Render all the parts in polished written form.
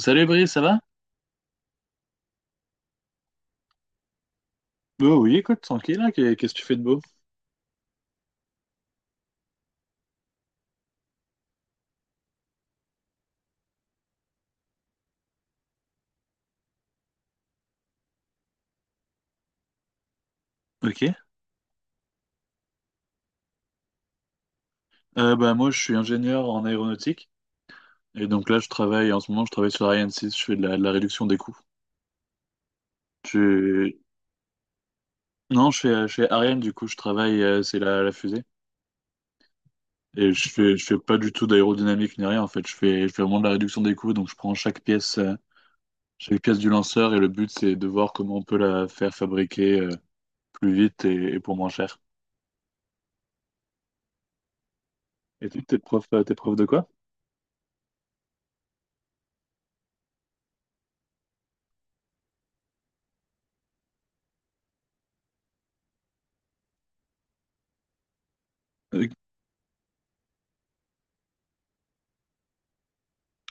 Salut Brice, ça va? Bah oui, écoute, tranquille, hein, qu'est-ce que tu fais de beau? Ok. Bah moi je suis ingénieur en aéronautique et donc là je travaille en ce moment je travaille sur Ariane 6, je fais de la réduction des coûts. Je... Non, je fais chez Ariane du coup je travaille c'est la fusée et je fais pas du tout d'aérodynamique ni rien en fait, je fais vraiment de la réduction des coûts donc je prends chaque pièce du lanceur et le but c'est de voir comment on peut la faire fabriquer plus vite et pour moins cher. Et tu t'es prof de quoi? Euh,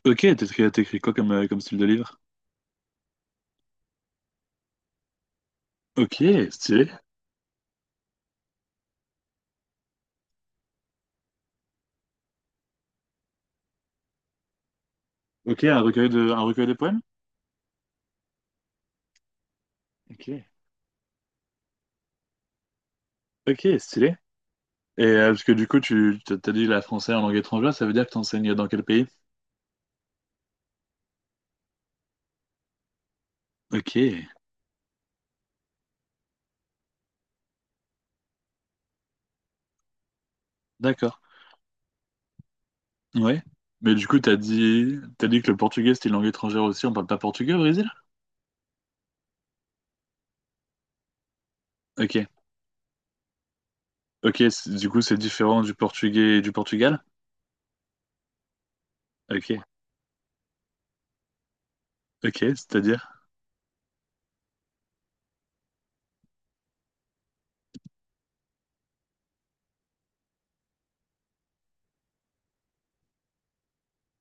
ok, t'écris, t'écris quoi comme, comme style de livre? Ok, stylé. Ok, un recueil un recueil de poèmes? Ok. Ok, stylé. Et parce que du coup, tu t'as t'as dit la français en langue étrangère, ça veut dire que t'enseignes dans quel pays? Ok, d'accord. Ouais. Mais du coup, t'as dit que le portugais c'était une langue étrangère aussi, on parle pas portugais au Brésil? Ok. Ok, du coup, c'est différent du portugais et du Portugal? Ok, ok, c'est-à-dire?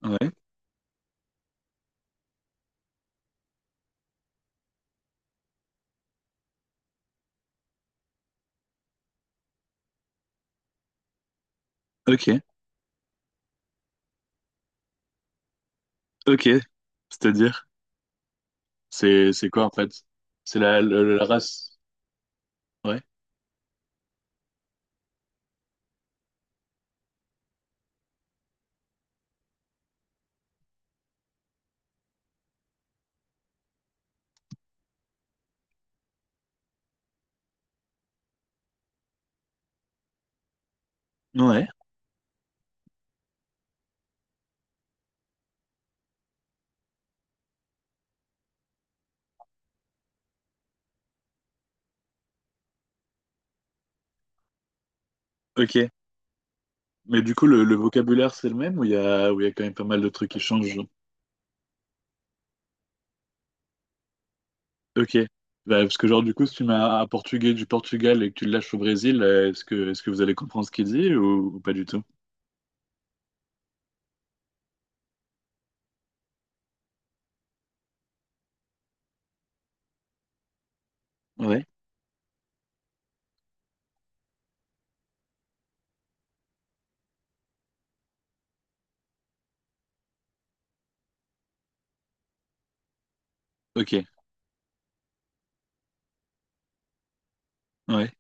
Ouais, ok, ok, c'est-à-dire? C'est quoi en fait? C'est la race? Ouais, ouais, ok. Mais du coup, le vocabulaire, c'est le même ou ou il y a quand même pas mal de trucs qui changent? Ok. Bah, parce que, genre, du coup, si tu mets un portugais du Portugal et que tu le lâches au Brésil, est-ce que vous allez comprendre ce qu'il dit ou pas du tout? Ouais, ok, ouais,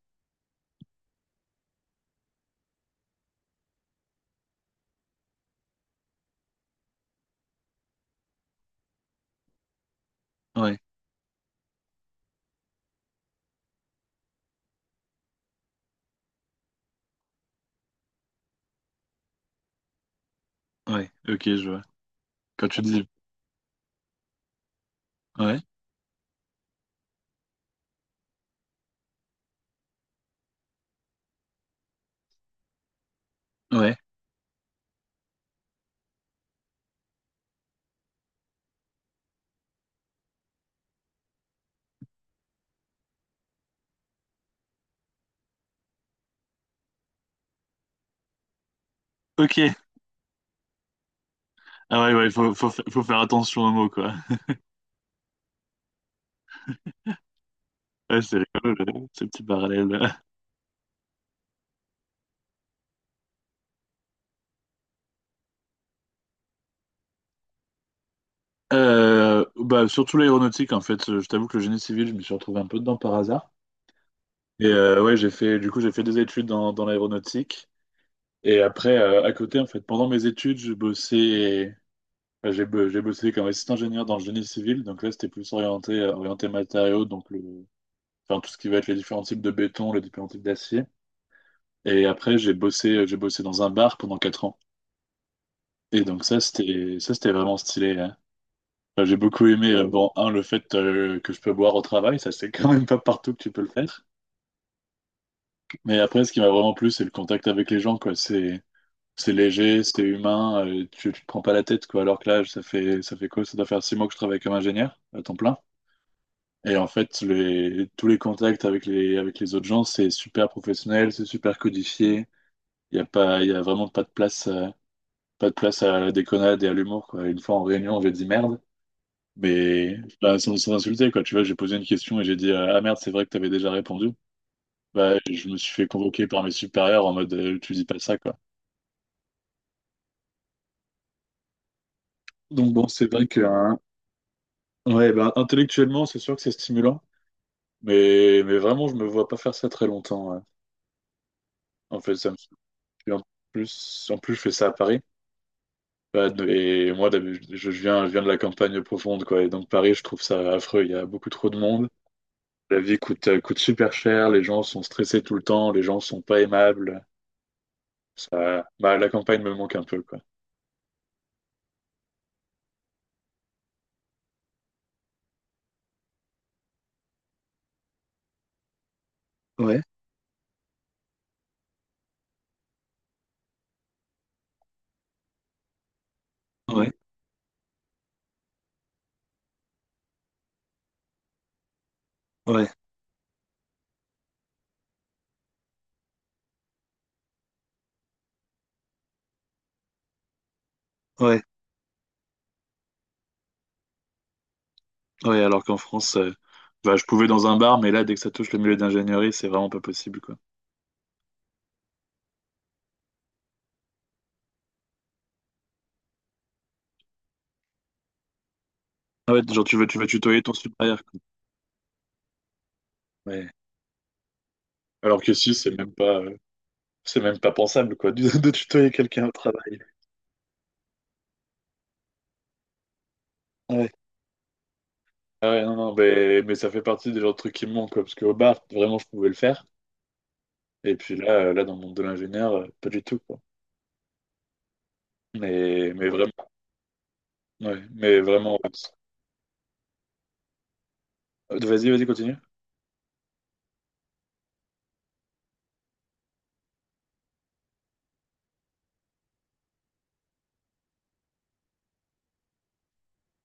ouais, ouais, ok, je vois. Quand tu dis. Ouais, ouais. Ok, Ah ouais, ouais, faut faire attention aux mots, quoi. Ouais, c'est rigolo, ce petit parallèle. Bah, surtout l'aéronautique, en fait. Je t'avoue que le génie civil, je me suis retrouvé un peu dedans par hasard. Et ouais, du coup, j'ai fait des études dans l'aéronautique. Et après, à côté, en fait, pendant mes études, enfin, j'ai bossé comme assistant ingénieur dans le génie civil. Donc là, c'était plus orienté, orienté matériaux, enfin, tout ce qui va être les différents types de béton, les différents types d'acier. Et après, j'ai bossé dans un bar pendant 4 ans. Et donc ça, c'était vraiment stylé, hein. Enfin, j'ai beaucoup aimé, bon, un, le fait que je peux boire au travail, ça c'est quand même pas partout que tu peux le faire. Mais après, ce qui m'a vraiment plu, c'est le contact avec les gens, quoi. C'est léger, c'est humain, tu te prends pas la tête, quoi. Alors que là, ça fait quoi? Ça doit faire 6 mois que je travaille comme ingénieur à temps plein. Et en fait, tous les contacts avec les autres gens, c'est super professionnel, c'est super codifié. Il y a vraiment pas de place, pas de place à la déconnade et à l'humour, quoi. Une fois en réunion, j'ai dit merde. Mais bah, sans insulter, quoi. Tu vois, j'ai posé une question et j'ai dit ah merde, c'est vrai que t'avais déjà répondu. Bah, je me suis fait convoquer par mes supérieurs en mode tu dis pas ça, quoi. Donc bon, c'est vrai que ouais, bah, intellectuellement, c'est sûr que c'est stimulant. Mais vraiment, je me vois pas faire ça très longtemps, ouais. En fait, et en en plus, je fais ça à Paris. Et moi, je viens de la campagne profonde, quoi. Et donc, Paris, je trouve ça affreux. Il y a beaucoup trop de monde. La vie coûte super cher. Les gens sont stressés tout le temps. Les gens sont pas aimables. Ça, bah, la campagne me manque un peu, quoi. Ouais, ouais, ouais, ouais, ouais. Alors qu'en France, bah, je pouvais dans un bar, mais là, dès que ça touche le milieu d'ingénierie, c'est vraiment pas possible, quoi. Ah ouais, genre tu veux tutoyer ton supérieur, quoi. Ouais. Alors que si, c'est même pas pensable, quoi, de, de tutoyer quelqu'un au travail. Ouais. Ah ouais, non, non, mais ça fait partie des genres de trucs qui me manquent, quoi, parce qu'au bar, vraiment, je pouvais le faire. Et puis là, dans le monde de l'ingénieur, pas du tout, quoi. Mais, mais vraiment, ouais, mais vraiment, ouais. Vas-y, vas-y, continue.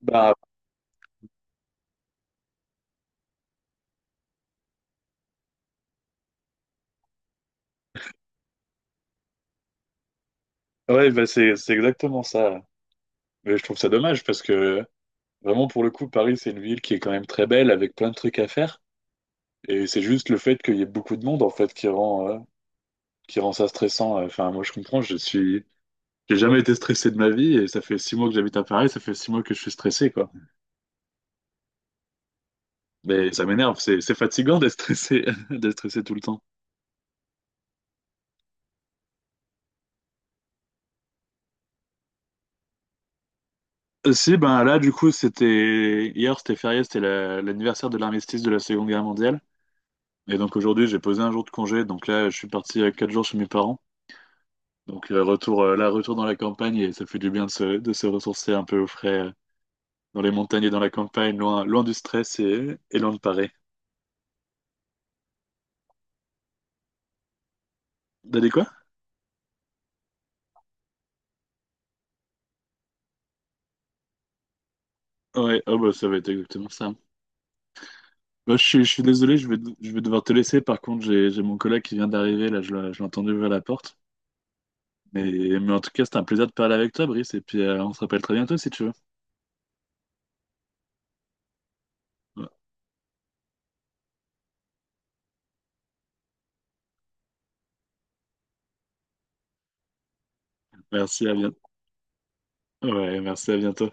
Bah, ouais, bah c'est exactement ça. Mais je trouve ça dommage parce que vraiment pour le coup, Paris, c'est une ville qui est quand même très belle avec plein de trucs à faire. Et c'est juste le fait qu'il y ait beaucoup de monde en fait qui rend ça stressant. Enfin, moi je comprends, je suis j'ai jamais été stressé de ma vie et ça fait 6 mois que j'habite à Paris, ça fait 6 mois que je suis stressé, quoi. Mais ça m'énerve, c'est fatigant d'être stressé d'être stressé tout le temps. Si, ben là du coup c'était hier, c'était férié, c'était l'anniversaire de l'armistice de la Seconde Guerre mondiale. Et donc aujourd'hui, j'ai posé un jour de congé. Donc là, je suis parti 4 jours chez mes parents. Donc retour retour dans la campagne et ça fait du bien de se ressourcer un peu au frais dans les montagnes et dans la campagne, loin, loin du stress et loin de Paris. T'as dit quoi? Ouais, oh bah ça va être exactement ça. Je suis désolé, je vais devoir te laisser. Par contre, j'ai mon collègue qui vient d'arriver, là, je l'ai entendu ouvrir la porte. Mais, mais en tout cas, c'était un plaisir de parler avec toi, Brice. Et puis, on se rappelle très bientôt si tu veux. Ouais, merci, à bientôt. Ouais, merci, à bientôt.